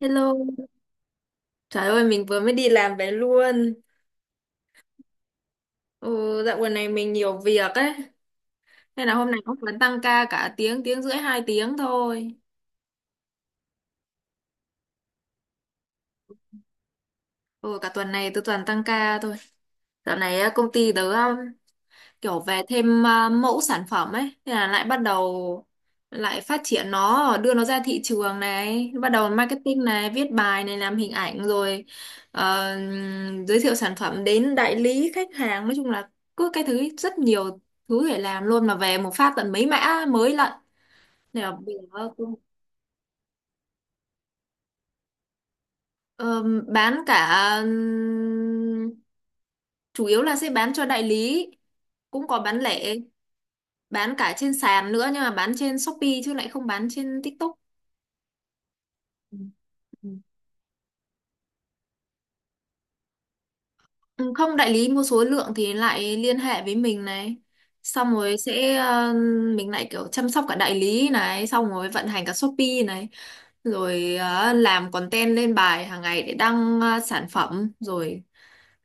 Hello, trời ơi mình vừa mới đi làm về luôn. Ừ, dạo gần này mình nhiều việc ấy, nên là hôm nay cũng vẫn tăng ca cả tiếng, tiếng rưỡi, 2 tiếng thôi. Ừ, cả tuần này tôi toàn tăng ca thôi. Dạo này á, công ty tớ kiểu về thêm à, mẫu sản phẩm ấy, thế là lại bắt đầu lại phát triển nó, đưa nó ra thị trường này, bắt đầu marketing này, viết bài này, làm hình ảnh rồi ờ, giới thiệu sản phẩm đến đại lý khách hàng. Nói chung là cứ cái thứ rất nhiều thứ để làm luôn, mà về một phát tận mấy mã mới lận. Nên là bây giờ cũng, ờ, bán cả ừm, chủ yếu là sẽ bán cho đại lý, cũng có bán lẻ, bán cả trên sàn nữa, nhưng mà bán trên Shopee chứ lại không bán trên TikTok. Ừ. Ừ. Ừ, không, đại lý mua số lượng thì lại liên hệ với mình này, xong rồi sẽ mình lại kiểu chăm sóc cả đại lý này, xong rồi vận hành cả Shopee này, rồi làm content lên bài hàng ngày để đăng sản phẩm, rồi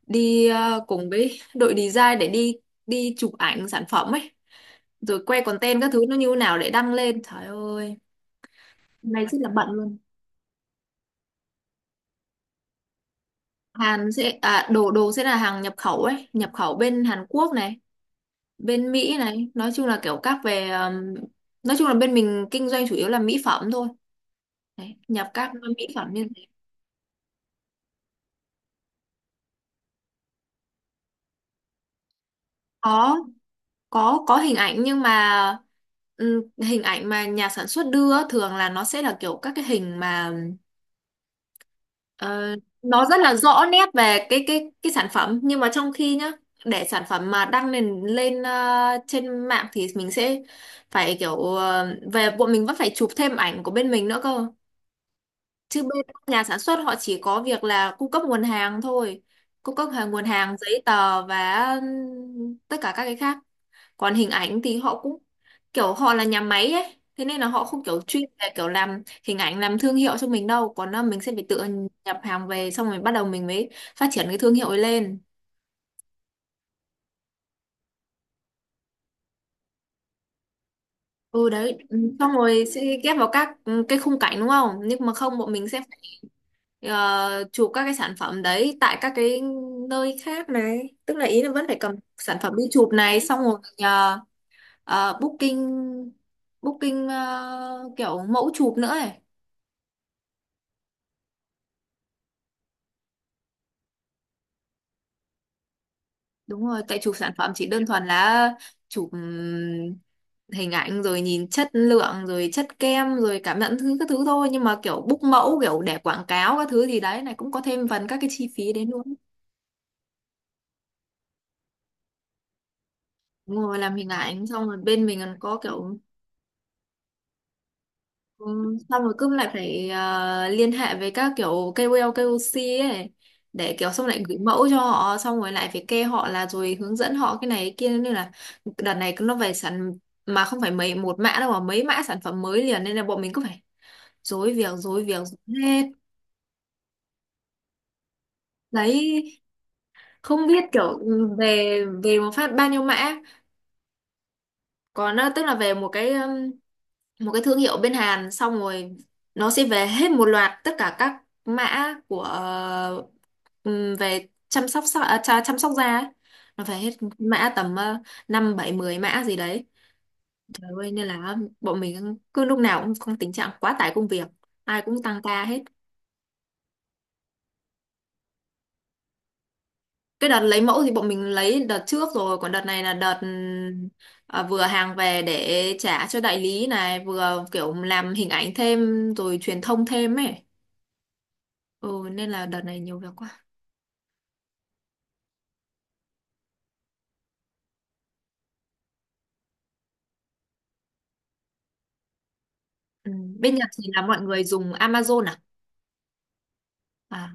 đi cùng với đội design để đi đi chụp ảnh sản phẩm ấy, rồi quay content các thứ nó như thế nào để đăng lên. Trời ơi hôm nay rất là bận luôn. Hàn sẽ à, đồ đồ sẽ là hàng nhập khẩu ấy, nhập khẩu bên Hàn Quốc này, bên Mỹ này, nói chung là kiểu các về nói chung là bên mình kinh doanh chủ yếu là mỹ phẩm thôi. Đấy, nhập các mỹ phẩm như thế. Có có có hình ảnh, nhưng mà hình ảnh mà nhà sản xuất đưa á, thường là nó sẽ là kiểu các cái hình mà, ờ, nó rất là rõ nét về cái sản phẩm, nhưng mà trong khi nhá, để sản phẩm mà đăng lên lên trên mạng thì mình sẽ phải kiểu về, bọn mình vẫn phải chụp thêm ảnh của bên mình nữa cơ, chứ bên nhà sản xuất họ chỉ có việc là cung cấp nguồn hàng thôi, cung cấp hàng nguồn hàng giấy tờ và tất cả các cái khác. Còn hình ảnh thì họ cũng kiểu họ là nhà máy ấy, thế nên là họ không kiểu chuyên về kiểu làm hình ảnh, làm thương hiệu cho mình đâu, còn là mình sẽ phải tự nhập hàng về, xong rồi bắt đầu mình mới phát triển cái thương hiệu ấy lên. Ừ đấy, ừ, xong rồi sẽ ghép vào các cái khung cảnh đúng không, nhưng mà không, bọn mình sẽ phải, chụp các cái sản phẩm đấy tại các cái nơi khác này, tức là ý là vẫn phải cầm sản phẩm đi chụp này, xong rồi booking, kiểu mẫu chụp nữa ấy. Đúng rồi, tại chụp sản phẩm chỉ đơn thuần là chụp hình ảnh rồi nhìn chất lượng rồi chất kem rồi cảm nhận thứ các thứ thôi, nhưng mà kiểu book mẫu kiểu để quảng cáo các thứ thì đấy này cũng có thêm phần các cái chi phí đến luôn. Đúng rồi, làm hình ảnh xong rồi bên mình còn có kiểu, ừ, xong rồi cứ lại phải liên hệ với các kiểu KOL, KOC ấy, để kiểu xong lại gửi mẫu cho họ, xong rồi lại phải kê họ là, rồi hướng dẫn họ cái này cái kia, nên là đợt này nó về sản, mà không phải mấy một mã đâu mà mấy mã sản phẩm mới liền, nên là bọn mình cứ phải rối việc rối việc rối hết. Đấy không biết kiểu về về một phát bao nhiêu mã, còn tức là về một cái thương hiệu bên Hàn, xong rồi nó sẽ về hết một loạt tất cả các mã của về chăm sóc da ấy. Nó về hết mã tầm 5 7 10 mã gì đấy. Trời ơi nên là bọn mình cứ lúc nào cũng không, tình trạng quá tải công việc, ai cũng tăng ca hết. Cái đợt lấy mẫu thì bọn mình lấy đợt trước rồi, còn đợt này là đợt vừa hàng về để trả cho đại lý này, vừa kiểu làm hình ảnh thêm rồi truyền thông thêm ấy. Ừ, nên là đợt này nhiều việc quá. Ừ. Bên Nhật thì là mọi người dùng Amazon à? À,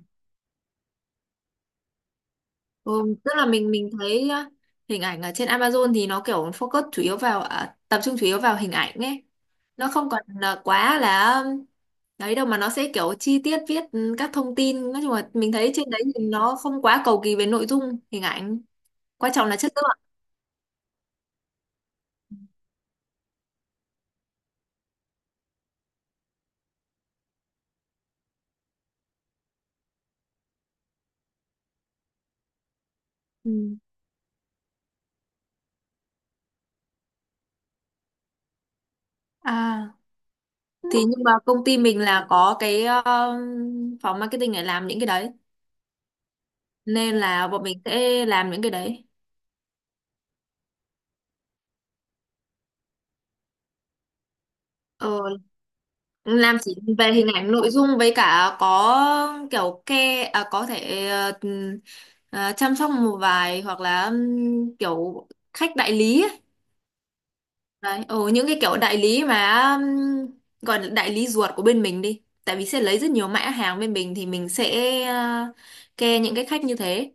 ừ, tức là mình thấy á, hình ảnh ở trên Amazon thì nó kiểu focus chủ yếu vào à, tập trung chủ yếu vào hình ảnh ấy. Nó không còn là quá là đấy đâu, mà nó sẽ kiểu chi tiết viết các thông tin. Nói chung là mình thấy trên đấy thì nó không quá cầu kỳ về nội dung, hình ảnh. Quan trọng là chất lượng. Ừ. À, thì nhưng mà công ty mình là có cái phòng marketing để làm những cái đấy, nên là bọn mình sẽ làm những cái đấy. ờ, làm chỉ về hình ảnh nội dung, với cả có kiểu ke à, có thể à, chăm sóc một vài hoặc là kiểu khách đại lý ấy. Đấy những cái kiểu đại lý mà gọi là đại lý ruột của bên mình đi, tại vì sẽ lấy rất nhiều mã hàng bên mình, thì mình sẽ ke những cái khách như thế,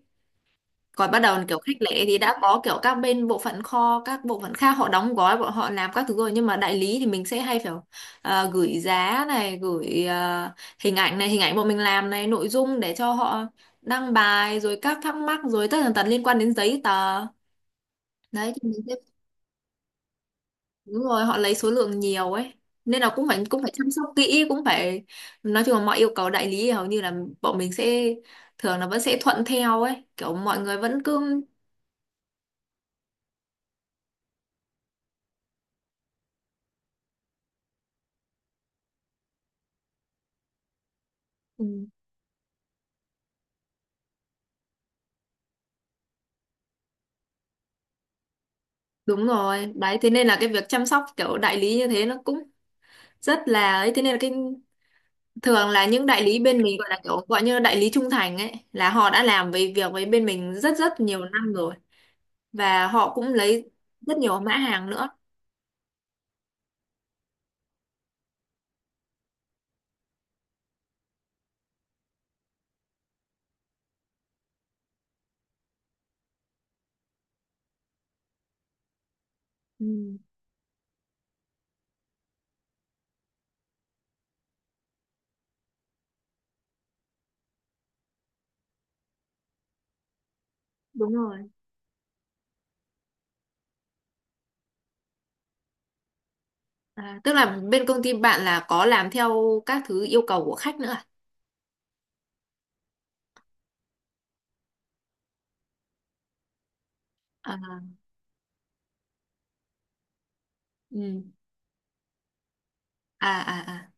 còn bắt đầu kiểu khách lẻ thì đã có kiểu các bên bộ phận kho, các bộ phận khác họ đóng gói, bọn họ làm các thứ rồi, nhưng mà đại lý thì mình sẽ hay phải gửi giá này, gửi hình ảnh này, hình ảnh bọn mình làm này, nội dung để cho họ đăng bài, rồi các thắc mắc rồi tất tần tật liên quan đến giấy tờ. Đấy thì mình sẽ, đúng rồi, họ lấy số lượng nhiều ấy, nên là cũng phải chăm sóc kỹ, cũng phải, nói chung là mọi yêu cầu đại lý hầu như là bọn mình sẽ thường là vẫn sẽ thuận theo ấy, kiểu mọi người vẫn cứ. Đúng rồi, đấy thế nên là cái việc chăm sóc kiểu đại lý như thế nó cũng rất là ấy, thế nên là cái, thường là những đại lý bên mình gọi là kiểu gọi như đại lý trung thành ấy, là họ đã làm việc với bên mình rất rất nhiều năm rồi, và họ cũng lấy rất nhiều mã hàng nữa. Ừ, đúng rồi. À, tức là bên công ty bạn là có làm theo các thứ yêu cầu của khách nữa à? À, ừ. À à à.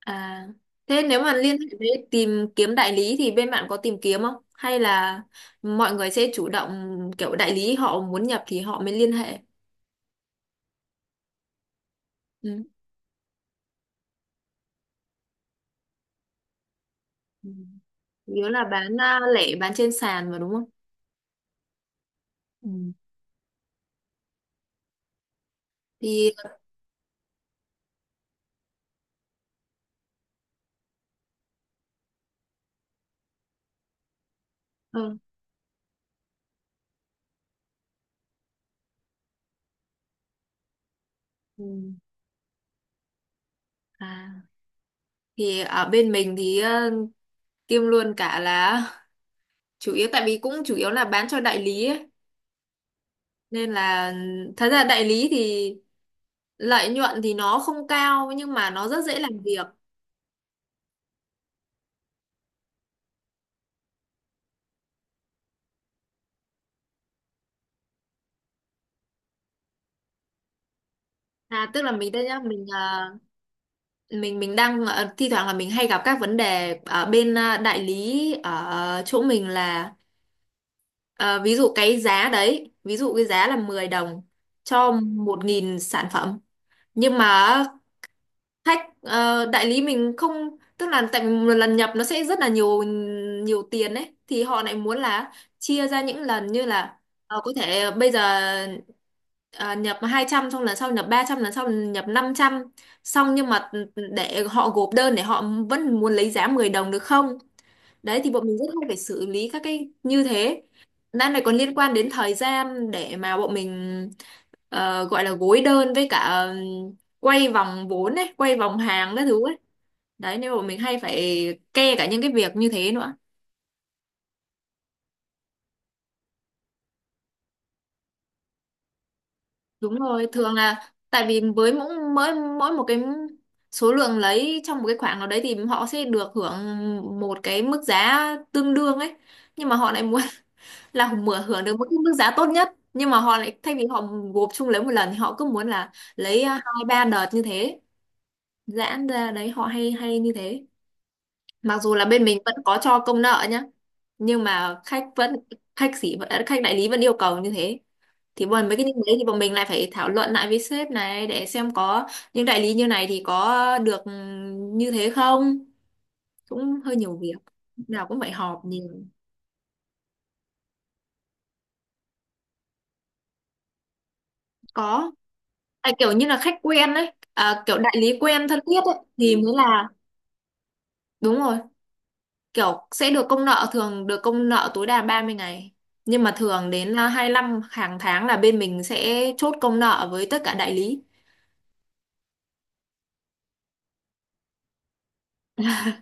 À, thế nếu mà liên hệ với tìm kiếm đại lý thì bên bạn có tìm kiếm không? Hay là mọi người sẽ chủ động kiểu đại lý họ muốn nhập thì họ mới liên hệ? Ừ. Ừ. Yếu là bán à, lẻ, bán trên sàn mà đúng không? Ừ. Thì ừ. Ừ. À, thì ở bên mình thì kiêm luôn cả là chủ yếu, tại vì cũng chủ yếu là bán cho đại lý ấy. Nên là thật ra đại lý thì lợi nhuận thì nó không cao, nhưng mà nó rất dễ làm việc. À, tức là mình đây nhá, mình à, mình đang thi thoảng là mình hay gặp các vấn đề ở bên đại lý ở chỗ mình là, ờ, ví dụ cái giá đấy, ví dụ cái giá là 10 đồng cho 1.000 sản phẩm, nhưng mà hack đại lý mình không, tức là tại vì một lần nhập nó sẽ rất là nhiều nhiều tiền ấy, thì họ lại muốn là chia ra những lần như là có thể bây giờ ờ, nhập 200, xong lần sau nhập 300, lần sau nhập 500 xong, nhưng mà để họ gộp đơn, để họ vẫn muốn lấy giá 10 đồng được không. Đấy thì bọn mình rất hay phải xử lý các cái như thế. Đang này còn liên quan đến thời gian để mà bọn mình gọi là gối đơn với cả quay vòng vốn ấy, quay vòng hàng các thứ ấy. Đấy nên bọn mình hay phải kê cả những cái việc như thế nữa. Đúng rồi, thường là tại vì với mỗi mỗi mỗi một cái số lượng lấy trong một cái khoảng nào đấy thì họ sẽ được hưởng một cái mức giá tương đương ấy. Nhưng mà họ lại muốn là mở hưởng được một cái mức giá tốt nhất, nhưng mà họ lại thay vì họ gộp chung lấy một lần thì họ cứ muốn là lấy à, hai ba đợt như thế, giãn ra đấy, họ hay hay như thế, mặc dù là bên mình vẫn có cho công nợ nhá, nhưng mà khách vẫn khách sĩ vẫn- à, khách đại lý vẫn yêu cầu như thế, thì bọn mấy cái như thế thì bọn mình lại phải thảo luận lại với sếp này để xem có những đại lý như này thì có được như thế không, cũng hơi nhiều việc, lúc nào cũng phải họp nhiều. Có, tại kiểu như là khách quen đấy à, kiểu đại lý quen thân thiết ấy thì mới là đúng rồi, kiểu sẽ được công nợ, thường được công nợ tối đa 30 ngày, nhưng mà thường đến à, 25 hàng tháng là bên mình sẽ chốt công nợ với tất cả đại lý.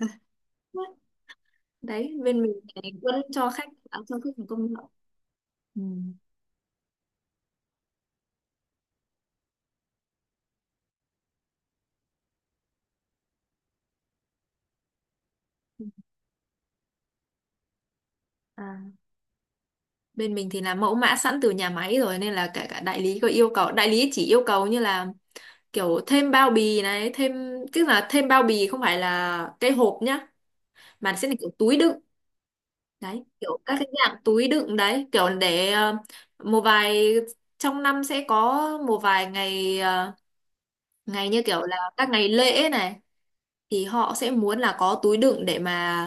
Đấy bên mình thì vẫn cho khách à, cho khách hàng công nợ. Ừ. À, bên mình thì là mẫu mã sẵn từ nhà máy rồi, nên là cả cả đại lý có yêu cầu, đại lý chỉ yêu cầu như là kiểu thêm bao bì này, thêm, tức là thêm bao bì không phải là cái hộp nhá, mà sẽ là kiểu túi đựng. Đấy kiểu các cái dạng túi đựng đấy, kiểu để một vài, trong năm sẽ có một vài ngày ngày như kiểu là các ngày lễ này, thì họ sẽ muốn là có túi đựng để mà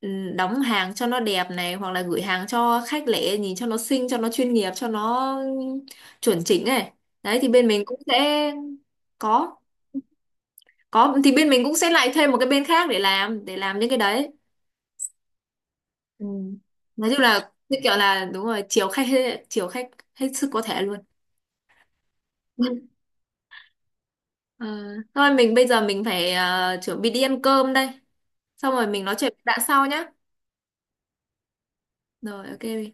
đóng hàng cho nó đẹp này, hoặc là gửi hàng cho khách lẻ nhìn cho nó xinh cho nó chuyên nghiệp cho nó chuẩn chỉnh này. Đấy thì bên mình cũng sẽ có có thì bên mình cũng sẽ lại thêm một cái bên khác để làm những cái đấy. Ừ. Nói chung là như kiểu là đúng rồi, chiều khách hết sức có thể luôn. Ờ, thôi mình bây giờ mình phải chuẩn bị đi ăn cơm đây, xong rồi mình nói chuyện đã sau nhá. Rồi ok.